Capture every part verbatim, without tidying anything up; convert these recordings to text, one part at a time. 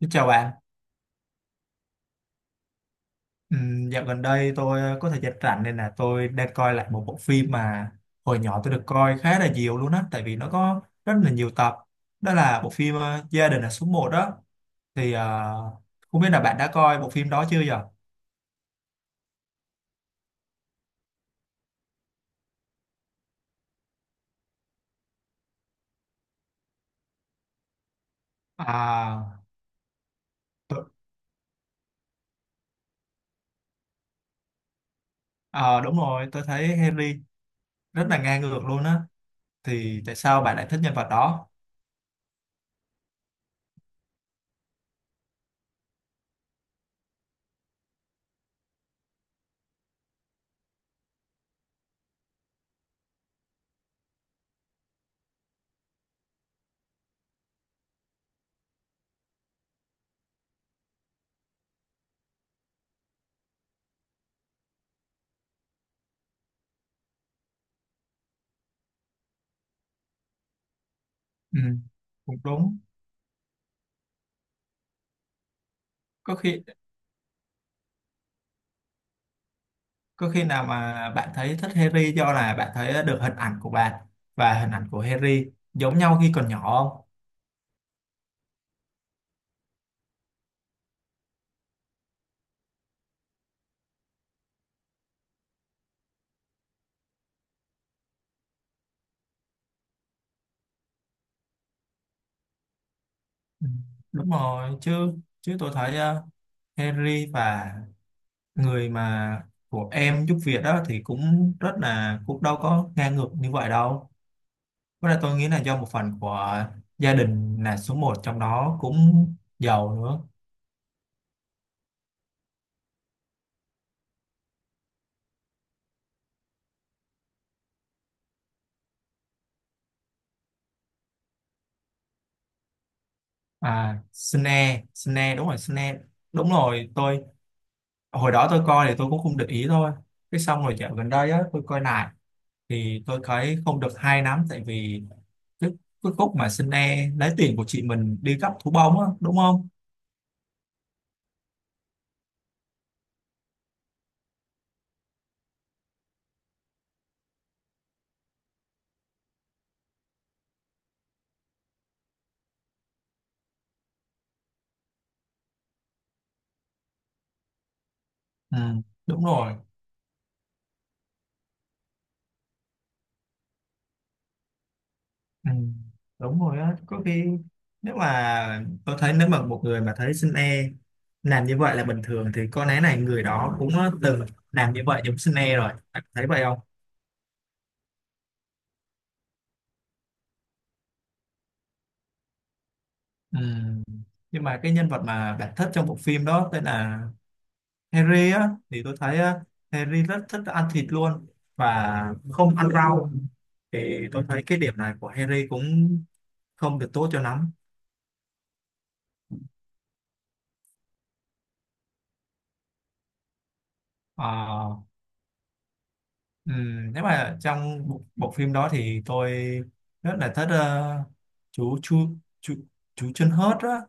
Xin chào bạn. Ừm, dạo gần đây tôi ờ, có thời gian rảnh nên là tôi đang coi lại một bộ phim mà hồi nhỏ tôi được coi khá là nhiều luôn á, tại vì nó có rất là nhiều tập. Đó là bộ phim ờ, Gia đình là số một đó. Thì ờ, Không biết là bạn đã coi bộ phim đó chưa vậy? À, tôi, ờ, đúng rồi, tôi thấy Henry rất là ngang ngược luôn á. Thì tại sao bạn lại thích nhân vật đó? Ừ, cũng đúng. Có khi Có khi nào mà bạn thấy thích Harry do là bạn thấy ờ, được hình ảnh của bạn và hình ảnh của Harry giống nhau khi còn nhỏ không? Ừ, đúng rồi, chứ chứ tôi thấy ờ, Harry và người mà của em giúp việc đó thì cũng rất là cũng đâu có ngang ngược như vậy đâu. Với lại tôi nghĩ là do một phần của gia đình là số một trong đó cũng giàu nữa. À, Snape, Snape đúng rồi, Snape. Đúng rồi, tôi hồi đó tôi coi thì tôi cũng không để ý thôi, cái xong rồi dạo gần đây á tôi coi lại thì tôi thấy không được hay lắm, tại vì cái, cái khúc mà xin e lấy tiền của chị mình đi cắp thú bông á đúng không. Ừ, đúng rồi. Ừ, đúng rồi á, có khi nếu mà tôi thấy nếu mà một người mà thấy xin e làm như vậy là bình thường thì có lẽ này người đó cũng từng làm như vậy giống xin e rồi, bạn thấy vậy không? Ừ. Nhưng mà cái nhân vật mà bạn thích trong bộ phim đó tên là Harry á thì tôi thấy á, Harry rất thích ăn thịt luôn và không ăn rau, thì tôi thấy cái điểm này của Harry cũng không được tốt cho lắm. Ờ, ừm, Nếu mà trong bộ, bộ phim đó thì tôi rất là thích ờ, chú chú chú chú chân hớt á.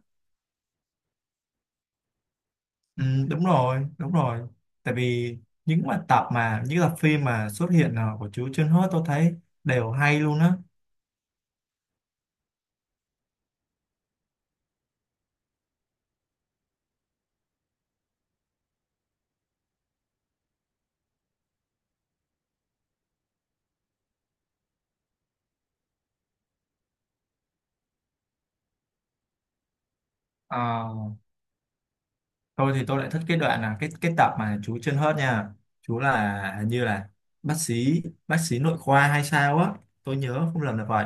Ừm, đúng rồi đúng rồi, tại vì những mà tập mà những tập phim mà xuất hiện ờ, của chú chân hớt tôi thấy đều hay luôn á. Ờ, thôi thì tôi lại thích cái đoạn là cái cái tập mà chú chân hớt nha. Chú là hình như là bác sĩ bác sĩ nội khoa hay sao á, tôi nhớ không lầm là vậy.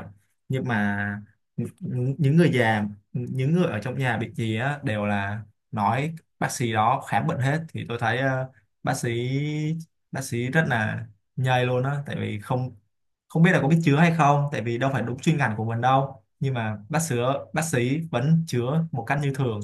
Nhưng mà những những người già, những người ở trong nhà bị gì á đều là nói bác sĩ đó khám bệnh hết, thì tôi thấy ờ, bác sĩ bác sĩ rất là nhây luôn á, tại vì không không biết là có biết chữa hay không, tại vì đâu phải đúng chuyên ngành của mình đâu, nhưng mà bác sĩ bác sĩ vẫn chữa một cách như thường.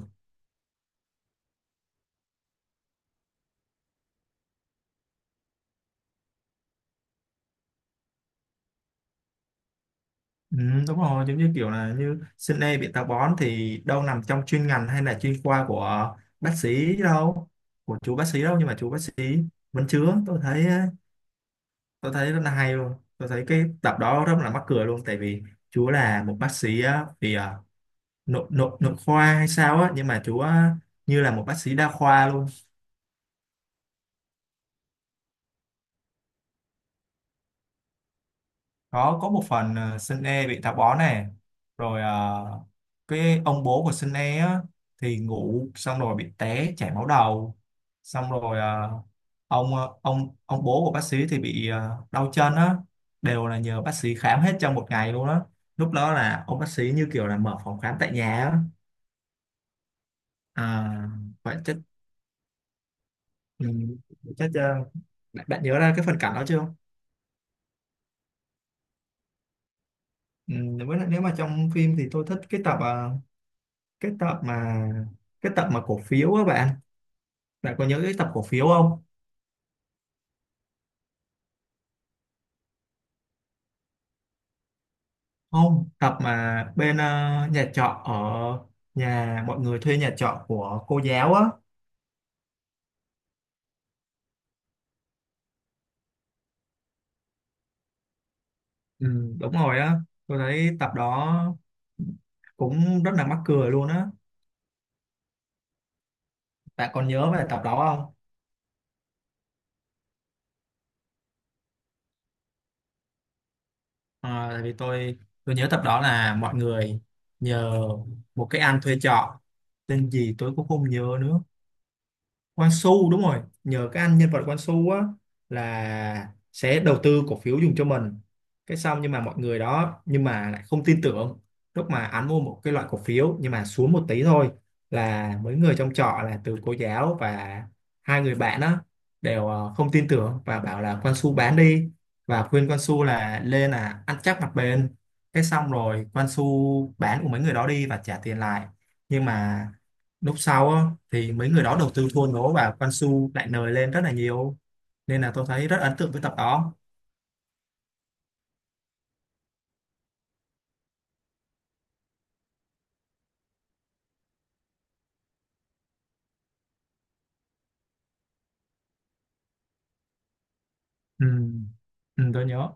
Ừ, đúng rồi, giống như kiểu là như sinh e bị táo bón thì đâu nằm trong chuyên ngành hay là chuyên khoa của bác sĩ đâu, của chú bác sĩ đâu, nhưng mà chú bác sĩ vẫn chứa, tôi thấy tôi thấy rất là hay luôn. Tôi thấy cái tập đó rất là mắc cười luôn, tại vì chú là một bác sĩ á, vì à, nội nội nội khoa hay sao á, nhưng mà chú á, như là một bác sĩ đa khoa luôn. có có một phần ờ, Sun E bị táo bón này rồi ờ, cái ông bố của Sun E á, thì ngủ xong rồi bị té chảy máu đầu, xong rồi ờ, ông ờ, ông ông bố của bác sĩ thì bị ờ, đau chân á, đều là nhờ bác sĩ khám hết trong một ngày luôn á, lúc đó là ông bác sĩ như kiểu là mở phòng khám tại nhà á. À, vậy chắc, ừ, chắc ờ, bạn, bạn nhớ ra cái phần cảnh đó chưa? Ừ, với lại nếu mà trong phim thì tôi thích cái tập ờ, cái tập mà cái tập mà cổ phiếu á bạn, bạn có nhớ cái tập cổ phiếu không? Không, tập mà bên ờ, nhà trọ ở nhà mọi người thuê nhà trọ của cô giáo á. Ừ, đúng rồi á, tôi thấy tập đó cũng rất là mắc cười luôn á, bạn còn nhớ về tập đó không? Ờ, tại vì tôi tôi nhớ tập đó là mọi người nhờ một cái anh thuê trọ, tên gì tôi cũng không nhớ nữa, Quan Su đúng rồi, nhờ cái anh nhân vật Quan Su á là sẽ đầu tư cổ phiếu dùng cho mình, cái xong nhưng mà mọi người đó nhưng mà lại không tin tưởng, lúc mà anh mua một cái loại cổ phiếu nhưng mà xuống một tí thôi là mấy người trong trọ là từ cô giáo và hai người bạn á đều ờ, không tin tưởng và bảo là Quan Su bán đi, và khuyên Quan Su là lên là ăn chắc mặt bền, cái xong rồi Quan Su bán của mấy người đó đi và trả tiền lại, nhưng mà lúc sau á, thì mấy người đó đầu tư thua lỗ và Quan Su lại nời lên rất là nhiều, nên là tôi thấy rất ấn tượng với tập đó. Ừ. Ừ tôi nhớ.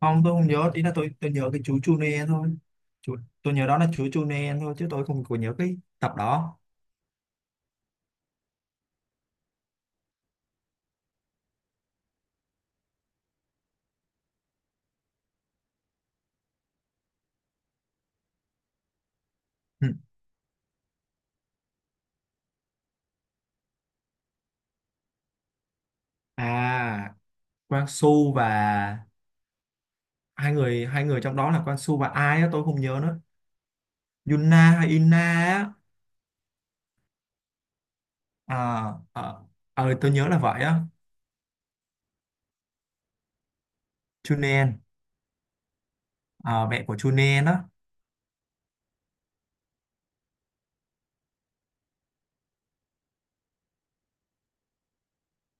Không, tôi không nhớ, ý là tôi tôi nhớ cái chú Chune thôi, chú, tôi nhớ đó là chú Chune thôi chứ tôi không có nhớ cái tập đó. Ừ. À, Quang Su và hai người hai người trong đó là Quang Su và ai á tôi không nhớ nữa. Yuna hay Ina á? À, à, tôi nhớ là vậy á. Chunen. À, mẹ của Chunen á.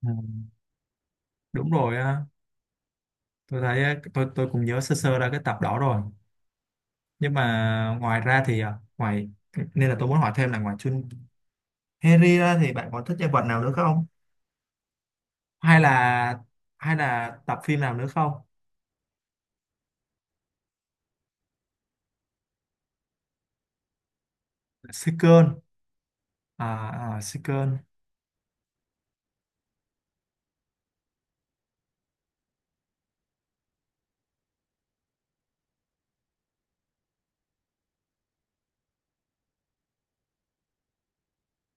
Ừ. Đúng rồi, tôi thấy á, tôi tôi cũng nhớ sơ sơ ra cái tập đó rồi, nhưng mà ngoài ra thì à, ngoài nên là tôi muốn hỏi thêm là ngoài Chun, Harry ra thì bạn có thích nhân vật nào nữa không, hay là hay là tập phim nào nữa không? Seeker. À, à Seeker.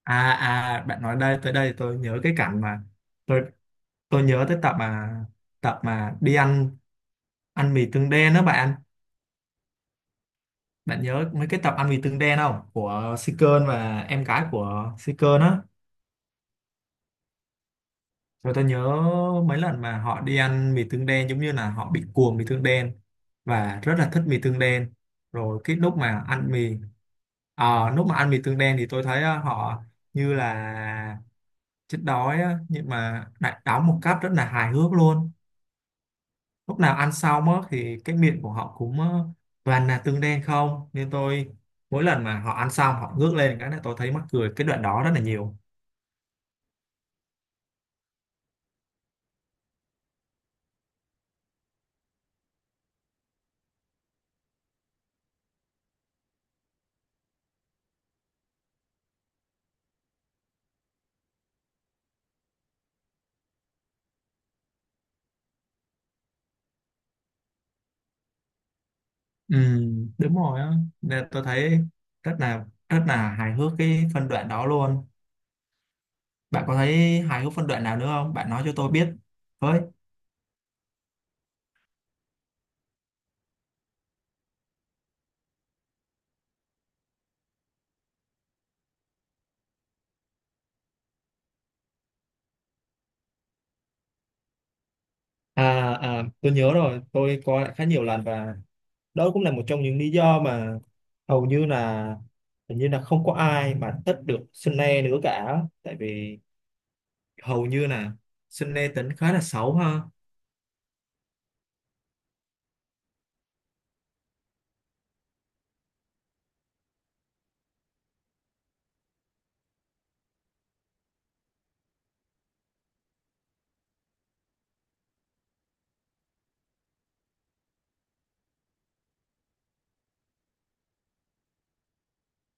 À, à bạn nói đây tới đây tôi nhớ cái cảnh mà, tôi tôi nhớ tới tập mà tập mà đi ăn, ăn mì tương đen đó bạn, bạn nhớ mấy cái tập ăn mì tương đen không, của Seeker và em gái của Seeker đó. Rồi tôi nhớ mấy lần mà họ đi ăn mì tương đen giống như là họ bị cuồng mì tương đen và rất là thích mì tương đen. Rồi cái lúc mà ăn mì à, Lúc mà ăn mì tương đen thì tôi thấy ờ, họ như là chết đói á, nhưng mà lại đóng một cách rất là hài hước luôn. Lúc nào ăn xong á, thì cái miệng của họ cũng ờ, toàn là tương đen không, nên tôi mỗi lần mà họ ăn xong họ ngước lên cái là tôi thấy mắc cười cái đoạn đó rất là nhiều. Ừ, đúng rồi á, nên tôi thấy rất là rất là hài hước cái phân đoạn đó luôn, bạn có thấy hài hước phân đoạn nào nữa không bạn nói cho tôi biết với. À, à tôi nhớ rồi, tôi coi lại khá nhiều lần và đó cũng là một trong những lý do mà hầu như là hình như là không có ai mà thích được Sunny nữa cả, tại vì hầu như là Sunny tính khá là xấu ha.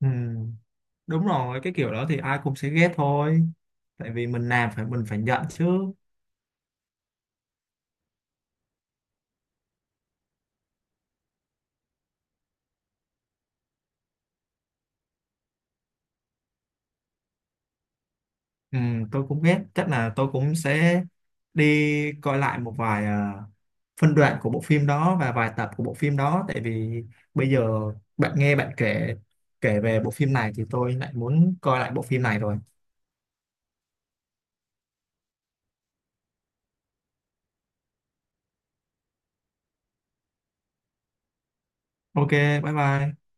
Ừ, đúng rồi, cái kiểu đó thì ai cũng sẽ ghét thôi, tại vì mình làm phải mình phải nhận chứ. Ừ, tôi cũng biết chắc là tôi cũng sẽ đi coi lại một vài à, phân đoạn của bộ phim đó và vài tập của bộ phim đó, tại vì bây giờ bạn nghe bạn kể, kể về bộ phim này thì tôi lại muốn coi lại bộ phim này rồi. Ok, bye bye.